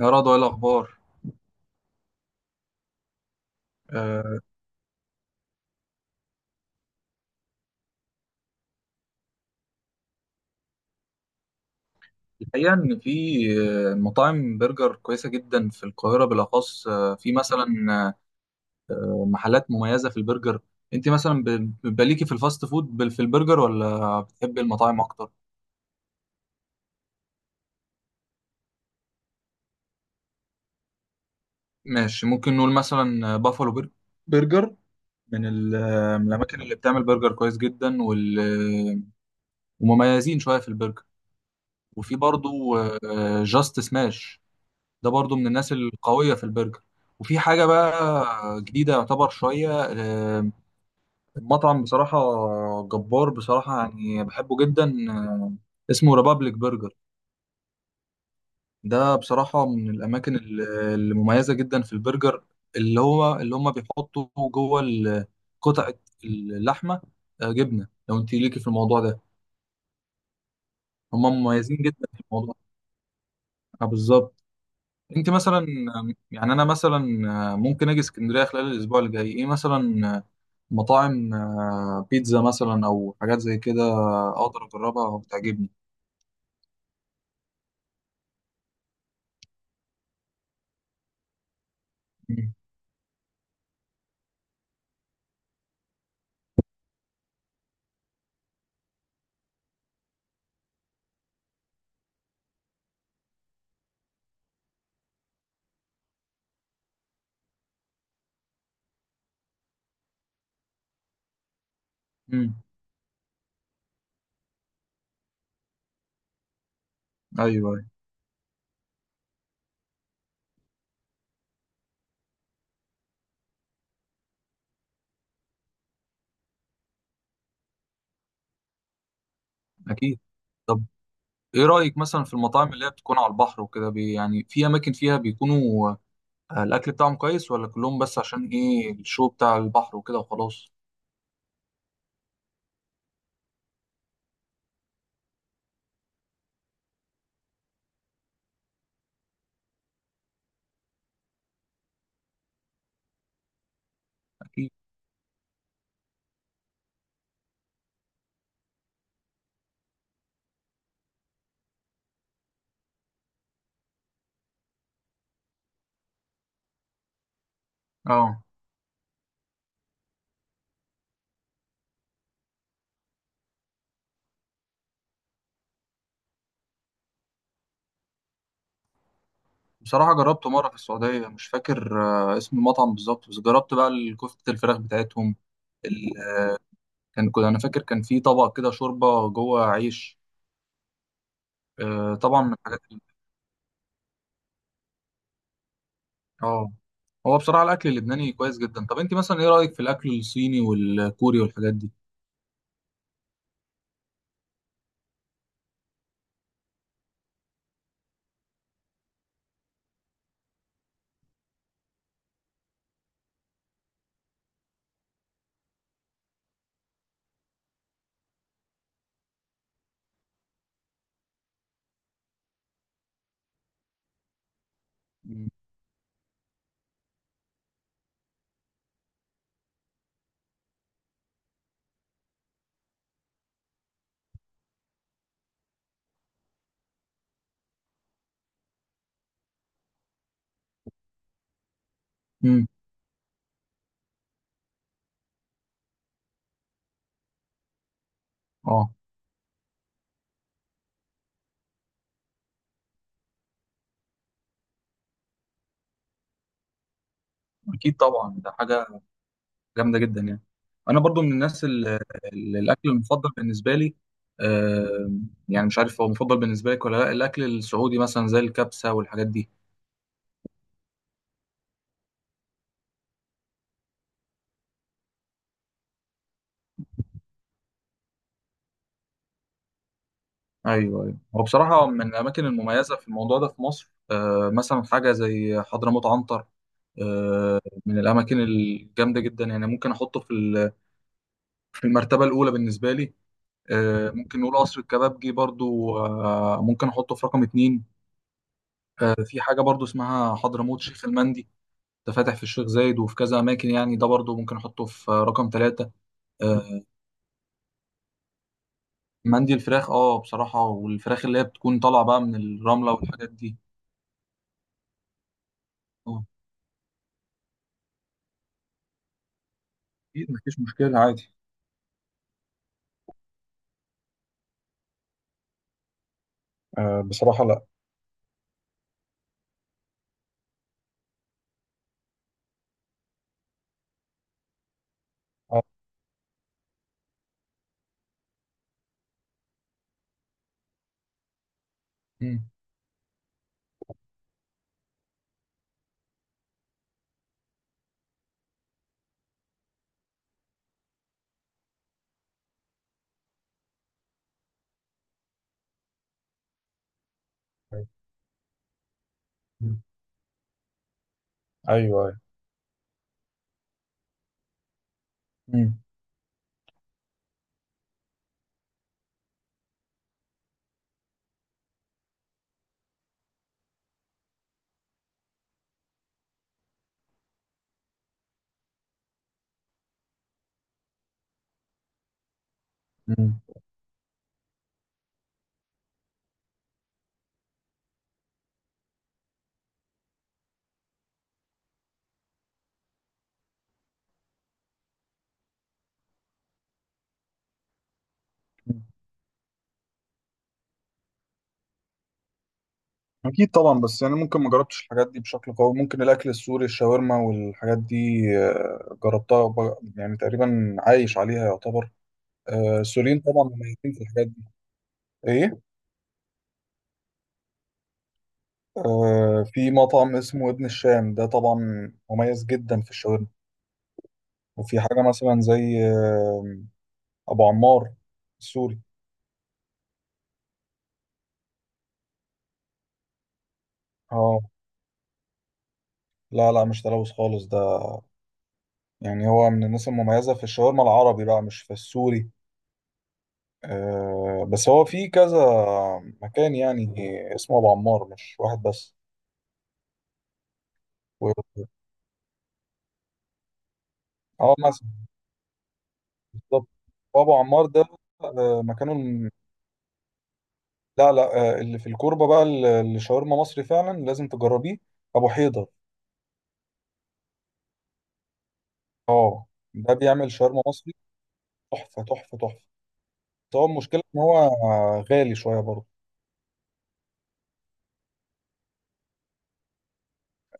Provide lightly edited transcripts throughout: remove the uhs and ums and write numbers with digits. يا رضوى ايه الاخبار. آه، الحقيقه ان في مطاعم برجر كويسه جدا في القاهره، بالاخص في مثلا محلات مميزه في البرجر. انت مثلا بيبقى ليكي في الفاست فود في البرجر، ولا بتحبي المطاعم اكتر؟ ماشي، ممكن نقول مثلا برجر، من ال- آه، من الاماكن اللي بتعمل برجر كويس جدا. آه، ومميزين شويه في البرجر. وفي برضو جاست سماش، ده برضو من الناس القوية في البرجر. وفي حاجة بقى جديدة يعتبر شوية، المطعم بصراحة جبار بصراحة، يعني بحبه جدا. آه، اسمه ريبابليك برجر، ده بصراحة من المميزة جدا في البرجر. اللي هم بيحطوا قطعة اللحمة جبنة، لو انت ليكي في الموضوع ده. هم مميزين جدا في الموضوع ده، بالظبط. انت مثلا، يعني انا مثلا ممكن اجي اسكندريه خلال الاسبوع اللي جاي. ايه مثلا مطاعم بيتزا مثلا، او حاجات زي كده، اقدر اجربها وتعجبني؟ مم. مم. ايوه، أيوة، اكيد. طب ايه رايك مثلا في المطاعم اللي هي بتكون على البحر وكده؟ بي يعني في اماكن فيها بيكونوا الاكل بتاعهم كويس، ولا كلهم بس عشان ايه الشو بتاع البحر وكده وخلاص؟ اكيد. اه، بصراحه جربته مره في السعوديه، مش فاكر اسم المطعم بالظبط، بس جربت بقى الكفته الفراخ بتاعتهم. ال... كان، كنت فاكر كان في طبق كده شوربه جوه عيش. طبعا من الحاجات. اه، هو بصراحة الأكل اللبناني كويس جدا. طب أنت مثلا إيه رأيك في الأكل الصيني والكوري والحاجات دي؟ مم. امم. اه، أكيد طبعا، ده حاجة جامدة جدا يعني. أنا برضو من الناس اللي الأكل المفضل بالنسبة لي، آه، يعني مش عارف هو مفضل بالنسبة لك ولا لا، الأكل السعودي مثلا زي الكبسة والحاجات دي. أيوه، أيوه. هو بصراحة من الأماكن المميزة في الموضوع ده في مصر، آه، مثلا حاجة زي حضرموت عنتر، آه، من الأماكن الجامدة جدا يعني. ممكن في المرتبة الأولى بالنسبة لي. ممكن نقول قصر الكبابجي برضو، ممكن احطه في رقم 2. في حاجة برضو اسمها حضرموت شيخ المندي، ده فاتح في الشيخ زايد وفي كذا أماكن يعني، ده برضو ممكن أحطه في رقم 3. آه، مندي الفراخ اه، بصراحة، والفراخ اللي هي بتكون طالعة بقى من الرملة والحاجات دي. اه، أكيد مفيش مشكلة عادي. بصراحة لا. آه، مم. أيوه، أيوه. مم. مم. اكيد طبعا، بس يعني ممكن ما جربتش الحاجات دي بشكل قوي. ممكن الاكل السوري، الشاورما والحاجات دي جربتها يعني تقريبا عايش عليها يعتبر. السوريين طبعا مميزين في الحاجات دي. ايه؟ في مطعم اسمه ابن الشام، ده طبعا مميز جدا في الشاورما. وفي حاجه مثلا زي ابو عمار السوري. اه، لا لا، مش تلوث خالص ده، يعني هو من الناس المميزه في الشاورما العربي بقى، مش في السوري. بس هو في كذا مكان يعني، اسمه ابو عمار، مش واحد بس. و- اه مثلا، بالظبط. وابو عمار ده آه، مكانه الم- لا لا، اللي في الكوربه بقى، اللي شاورما مصري، فعلا لازم تجربيه. ابو حيدر اه، ده بيعمل شاورما مصري، تحفه تحفه تحفه. بس هو المشكله ان هو غالي شويه برضه.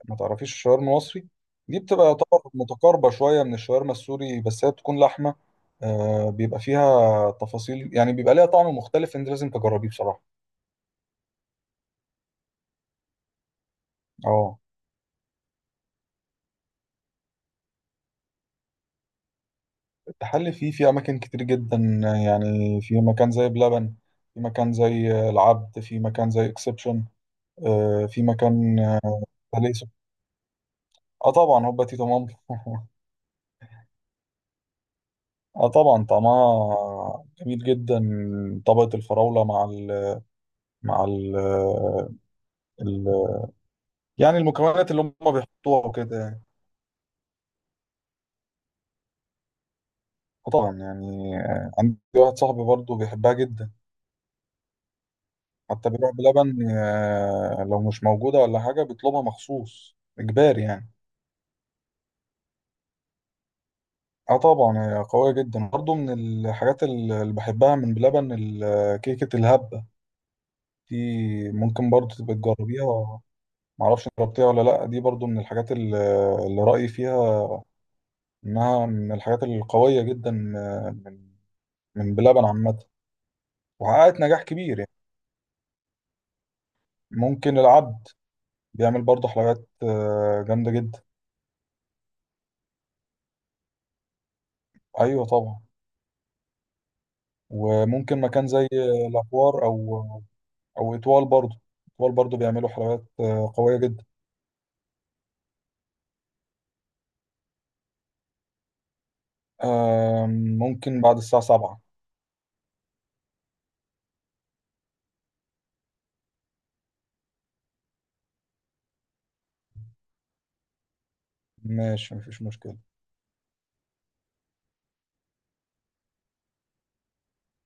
ما تعرفيش الشاورما المصري؟ دي بتبقى يعتبر متقاربة شوية من الشاورما السوري، بس هي بتكون لحمة. آه، بيبقى فيها تفاصيل يعني، بيبقى ليها طعم مختلف، انت لازم تجربيه بصراحة. اه، التحلي فيه في اماكن كتير جدا يعني، في مكان زي بلبن، في مكان زي العبد، في مكان زي اكسبشن، آه في مكان آه تحلية سك- اه طبعا هوبا تيتو مامبو اه طبعا طعمها جميل جدا. طبقة الفراولة مع ال مع ال يعني المكونات اللي هم بيحطوها وكده يعني. وطبعا يعني عندي واحد صاحبي برضه بيحبها جدا، حتى بيروح بلبن لو مش موجودة ولا حاجة بيطلبها مخصوص، إجباري يعني. اه طبعا هي قوية جدا برضه. من الحاجات اللي بحبها من بلبن كيكة الهبة دي، ممكن برضه تبقى تجربيها، معرفش جربتيها ولا لأ. دي برضه من الحاجات اللي رأيي فيها إنها من الحاجات القوية جدا، من بلبن عامة، وحققت نجاح كبير يعني. ممكن العد بيعمل برضه حلقات جامدة جدا. أيوة طبعا. وممكن مكان زي الأحوار أو أو إطوال برضه، إطوال برضه بيعملوا حلقات قوية جدا. آم، ممكن بعد الساعة 7. ماشي مفيش مشكلة.